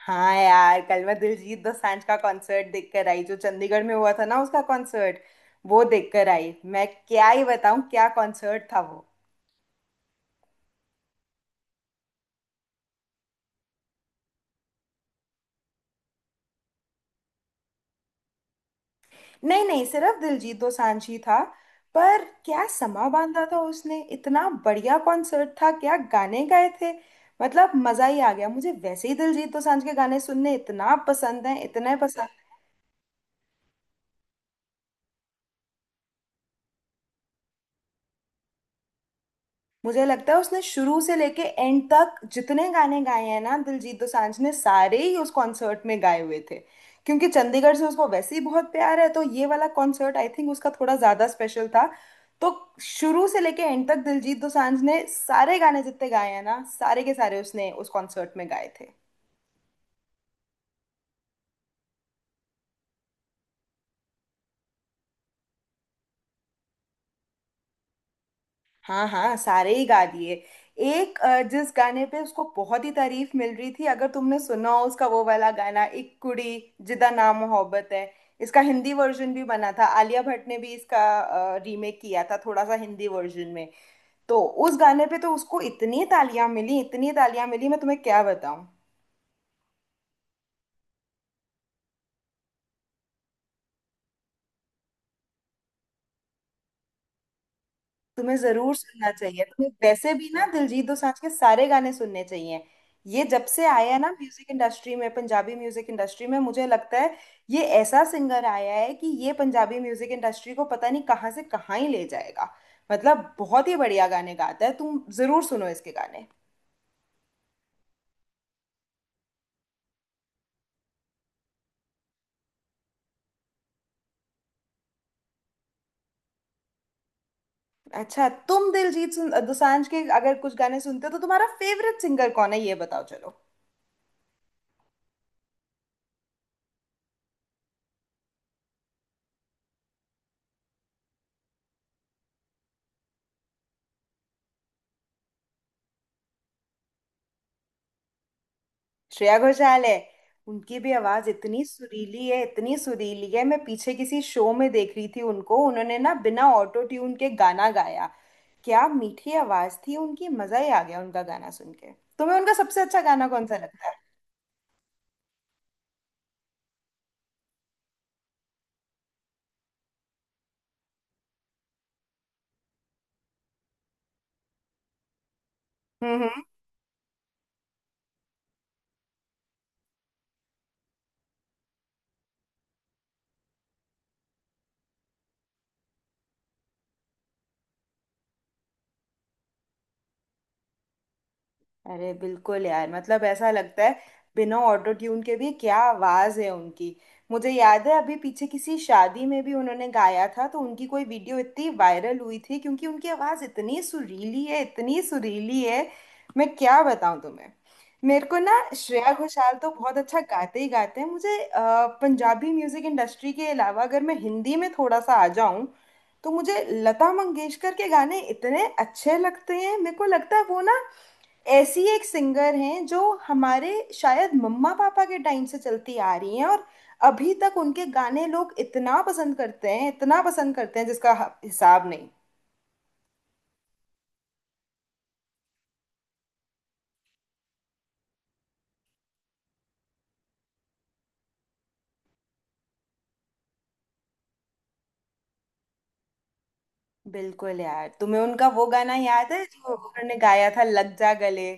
हाँ यार, कल मैं दिलजीत दोसांझ का कॉन्सर्ट देख कर आई। जो चंडीगढ़ में हुआ था ना, उसका कॉन्सर्ट वो देख कर आई। मैं क्या ही बताऊं क्या कॉन्सर्ट था वो। नहीं नहीं, सिर्फ दिलजीत दोसांझ ही था। पर क्या समा बांधा था उसने, इतना बढ़िया कॉन्सर्ट था, क्या गाने गाए थे। मतलब मजा ही आ गया। मुझे वैसे ही दिलजीत दोसांझ के गाने सुनने इतना पसंद है, इतने पसंद। मुझे लगता है उसने शुरू से लेके एंड तक जितने गाने गाए हैं ना दिलजीत दोसांझ ने, सारे ही उस कॉन्सर्ट में गाए हुए थे। क्योंकि चंडीगढ़ से उसको वैसे ही बहुत प्यार है, तो ये वाला कॉन्सर्ट आई थिंक उसका थोड़ा ज्यादा स्पेशल था। तो शुरू से लेके एंड तक दिलजीत दोसांझ ने सारे गाने जितने गाए हैं ना, सारे के सारे उसने उस कॉन्सर्ट में गाए थे। हाँ हाँ, सारे ही गा दिए। एक जिस गाने पे उसको बहुत ही तारीफ मिल रही थी, अगर तुमने सुना हो उसका वो वाला गाना, एक कुड़ी जिदा ना मोहब्बत है। इसका हिंदी वर्जन भी बना था, आलिया भट्ट ने भी इसका रीमेक किया था थोड़ा सा हिंदी वर्जन में। तो उस गाने पे तो उसको इतनी तालियां मिली, इतनी तालियां मिली, मैं तुम्हें क्या बताऊं। तुम्हें जरूर सुनना चाहिए, तुम्हें वैसे भी ना दिलजीत दोसांझ के सारे गाने सुनने चाहिए। ये जब से आया ना म्यूजिक इंडस्ट्री में, पंजाबी म्यूजिक इंडस्ट्री में, मुझे लगता है ये ऐसा सिंगर आया है कि ये पंजाबी म्यूजिक इंडस्ट्री को पता नहीं कहाँ से कहाँ ही ले जाएगा। मतलब बहुत ही बढ़िया गाने गाता है, तुम जरूर सुनो इसके गाने। अच्छा, तुम दिलजीत दोसांझ के अगर कुछ गाने सुनते हो, तो तुम्हारा फेवरेट सिंगर कौन है ये बताओ चलो। श्रेया घोषाल है। उनकी भी आवाज इतनी सुरीली है, इतनी सुरीली है। मैं पीछे किसी शो में देख रही थी उनको, उन्होंने ना बिना ऑटो ट्यून के गाना गाया। क्या मीठी आवाज थी उनकी, मजा ही आ गया उनका गाना सुन के। तुम्हें उनका सबसे अच्छा गाना कौन सा लगता है? हम्म हम्म। अरे बिल्कुल यार, मतलब ऐसा लगता है बिना ऑटो ट्यून के भी क्या आवाज है उनकी। मुझे याद है अभी पीछे किसी शादी में भी उन्होंने गाया था, तो उनकी कोई वीडियो इतनी वायरल हुई थी, क्योंकि उनकी आवाज इतनी सुरीली है, इतनी सुरीली है। मैं क्या बताऊं तुम्हें। मेरे को ना श्रेया घोषाल तो बहुत अच्छा गाते ही गाते हैं। मुझे पंजाबी म्यूजिक इंडस्ट्री के अलावा अगर मैं हिंदी में थोड़ा सा आ जाऊं, तो मुझे लता मंगेशकर के गाने इतने अच्छे लगते हैं। मेरे को लगता है वो ना ऐसी एक सिंगर हैं जो हमारे शायद मम्मा पापा के टाइम से चलती आ रही हैं, और अभी तक उनके गाने लोग इतना पसंद करते हैं, इतना पसंद करते हैं जिसका हिसाब नहीं। बिल्कुल यार, तुम्हें उनका वो गाना याद है जो उन्होंने गाया था, लग जा गले।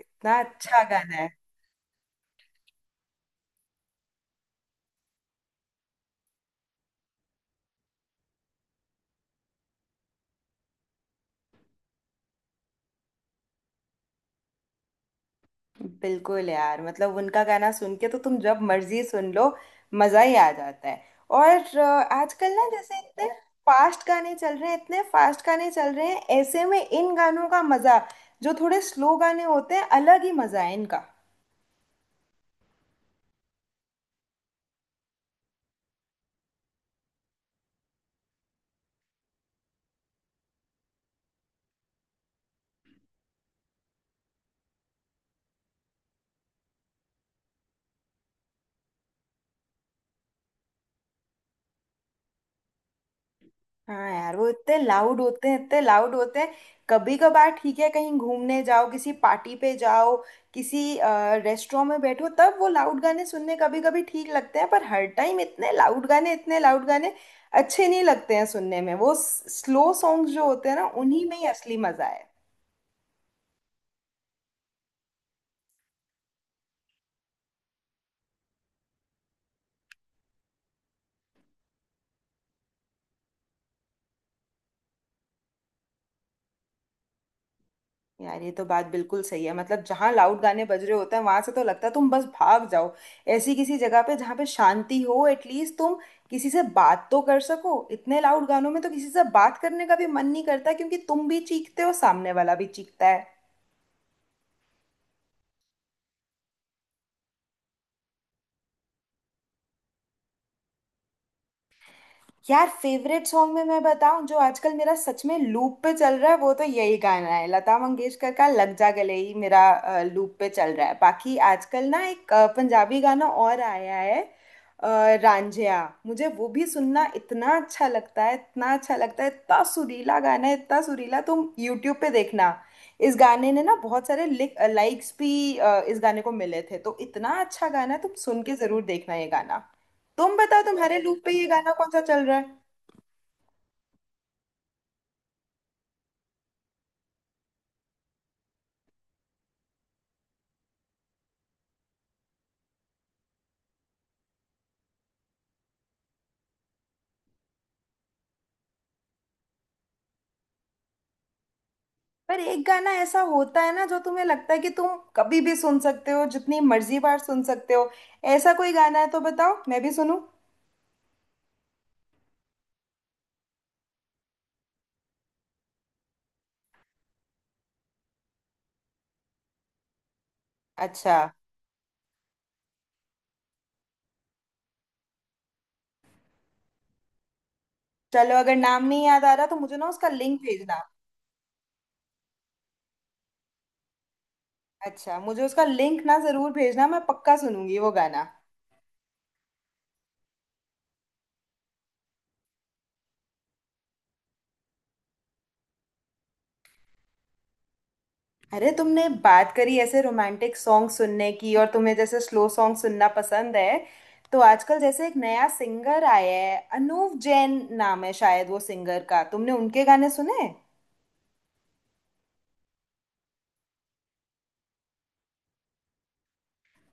इतना अच्छा गाना है। बिल्कुल यार, मतलब उनका गाना सुन के तो तुम जब मर्जी सुन लो, मजा ही आ जाता है। और आजकल ना जैसे इतने फास्ट गाने चल रहे हैं, इतने फास्ट गाने चल रहे हैं, ऐसे में इन गानों का मजा, जो थोड़े स्लो गाने होते हैं, अलग ही मजा है इनका। हाँ यार, वो इतने लाउड होते हैं, इतने लाउड होते हैं। कभी कभार ठीक है, कहीं घूमने जाओ, किसी पार्टी पे जाओ, किसी रेस्टोरेंट में बैठो, तब वो लाउड गाने सुनने कभी कभी ठीक लगते हैं। पर हर टाइम इतने लाउड गाने, इतने लाउड गाने अच्छे नहीं लगते हैं सुनने में। वो स्लो सॉन्ग्स जो होते हैं ना, उन्हीं में ही असली मजा है। यार ये तो बात बिल्कुल सही है। मतलब जहाँ लाउड गाने बज रहे होते हैं, वहां से तो लगता है तुम बस भाग जाओ। ऐसी किसी जगह पे जहाँ पे शांति हो, एटलीस्ट तुम किसी से बात तो कर सको। इतने लाउड गानों में तो किसी से बात करने का भी मन नहीं करता, क्योंकि तुम भी चीखते हो, सामने वाला भी चीखता है। यार फेवरेट सॉन्ग में मैं बताऊं, जो आजकल मेरा सच में लूप पे चल रहा है, वो तो यही गाना है, लता मंगेशकर का लग जा गले ही मेरा लूप पे चल रहा है। बाकी आजकल ना एक पंजाबी गाना और आया है, अ, रांझिया। मुझे वो भी सुनना इतना अच्छा लगता है, इतना अच्छा लगता है। इतना सुरीला गाना है, इतना सुरीला। तुम यूट्यूब पे देखना। इस गाने ने ना बहुत सारे लाइक्स भी, इस गाने को मिले थे, तो इतना अच्छा गाना है, तुम सुन के जरूर देखना ये गाना। तुम बताओ तुम्हारे लूप पे ये गाना कौन सा चल रहा है? पर एक गाना ऐसा होता है ना जो तुम्हें लगता है कि तुम कभी भी सुन सकते हो, जितनी मर्जी बार सुन सकते हो। ऐसा कोई गाना है तो बताओ, मैं भी सुनूं। अच्छा, चलो अगर नाम नहीं याद आ रहा तो मुझे ना उसका लिंक भेजना। अच्छा, मुझे उसका लिंक ना जरूर भेजना, मैं पक्का सुनूंगी वो गाना। अरे तुमने बात करी ऐसे रोमांटिक सॉन्ग सुनने की, और तुम्हें जैसे स्लो सॉन्ग सुनना पसंद है, तो आजकल जैसे एक नया सिंगर आया है, अनूप जैन नाम है शायद वो सिंगर का, तुमने उनके गाने सुने?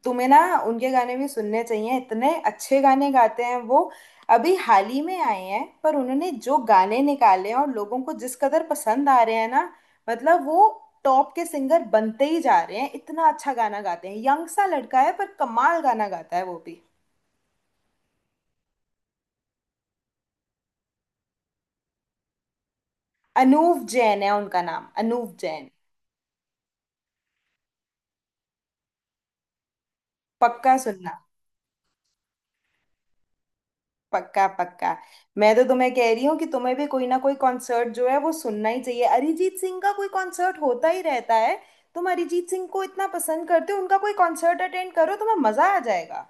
तुम्हें ना उनके गाने भी सुनने चाहिए, इतने अच्छे गाने गाते हैं वो। अभी हाल ही में आए हैं, पर उन्होंने जो गाने निकाले हैं और लोगों को जिस कदर पसंद आ रहे हैं ना, मतलब वो टॉप के सिंगर बनते ही जा रहे हैं। इतना अच्छा गाना गाते हैं, यंग सा लड़का है पर कमाल गाना गाता है वो भी। अनूव जैन है उनका नाम, अनूव जैन। पक्का सुनना। पक्का पक्का। मैं तो तुम्हें कह रही हूँ कि तुम्हें भी कोई ना कोई कॉन्सर्ट जो है वो सुनना ही चाहिए। अरिजीत सिंह का कोई कॉन्सर्ट होता ही रहता है, तुम अरिजीत सिंह को इतना पसंद करते हो, उनका कोई कॉन्सर्ट अटेंड करो, तुम्हें मजा आ जाएगा।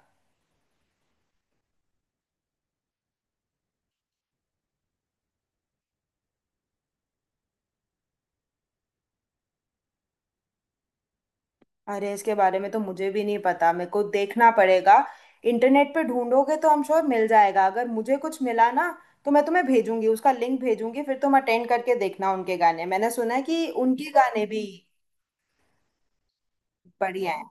अरे इसके बारे में तो मुझे भी नहीं पता, मेरे को देखना पड़ेगा। इंटरनेट पे ढूंढोगे तो हम श्योर मिल जाएगा। अगर मुझे कुछ मिला ना, तो मैं तुम्हें भेजूंगी, उसका लिंक भेजूंगी। फिर तुम अटेंड करके देखना उनके गाने, मैंने सुना है कि उनके गाने भी बढ़िया हैं।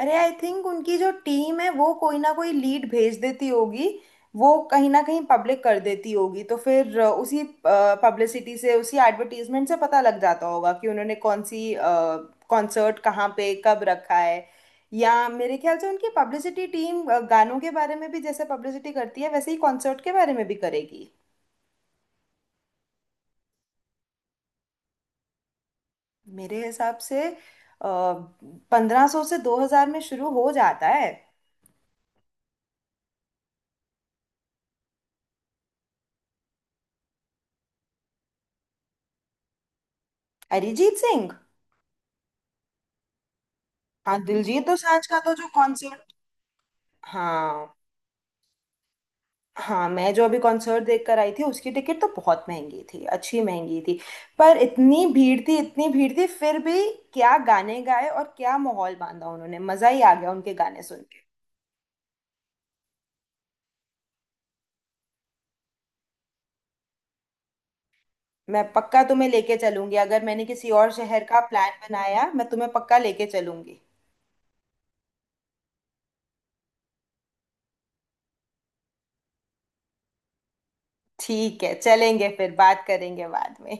अरे आई थिंक उनकी जो टीम है वो कोई ना कोई लीड भेज देती होगी, वो कहीं ना कहीं पब्लिक कर देती होगी। तो फिर उसी पब्लिसिटी से, उसी एडवर्टीजमेंट से पता लग जाता होगा कि उन्होंने कौन सी कॉन्सर्ट कहाँ पे कब रखा है। या मेरे ख्याल से उनकी पब्लिसिटी टीम गानों के बारे में भी जैसे पब्लिसिटी करती है, वैसे ही कॉन्सर्ट के बारे में भी करेगी। मेरे हिसाब से 1500 से 2000 में शुरू हो जाता है। अरिजीत सिंह। हाँ, दिलजीत दोसांझ का तो जो कॉन्सर्ट। हाँ, हाँ, मैं जो अभी कॉन्सर्ट देख कर आई थी, उसकी टिकट तो बहुत महंगी थी, अच्छी महंगी थी। पर इतनी भीड़ थी, इतनी भीड़ थी फिर भी। क्या गाने गाए और क्या माहौल बांधा उन्होंने, मजा ही आ गया उनके गाने सुन के। मैं पक्का तुम्हें लेके चलूंगी, अगर मैंने किसी और शहर का प्लान बनाया, मैं तुम्हें पक्का लेके चलूंगी। ठीक है, चलेंगे फिर बात करेंगे बाद में।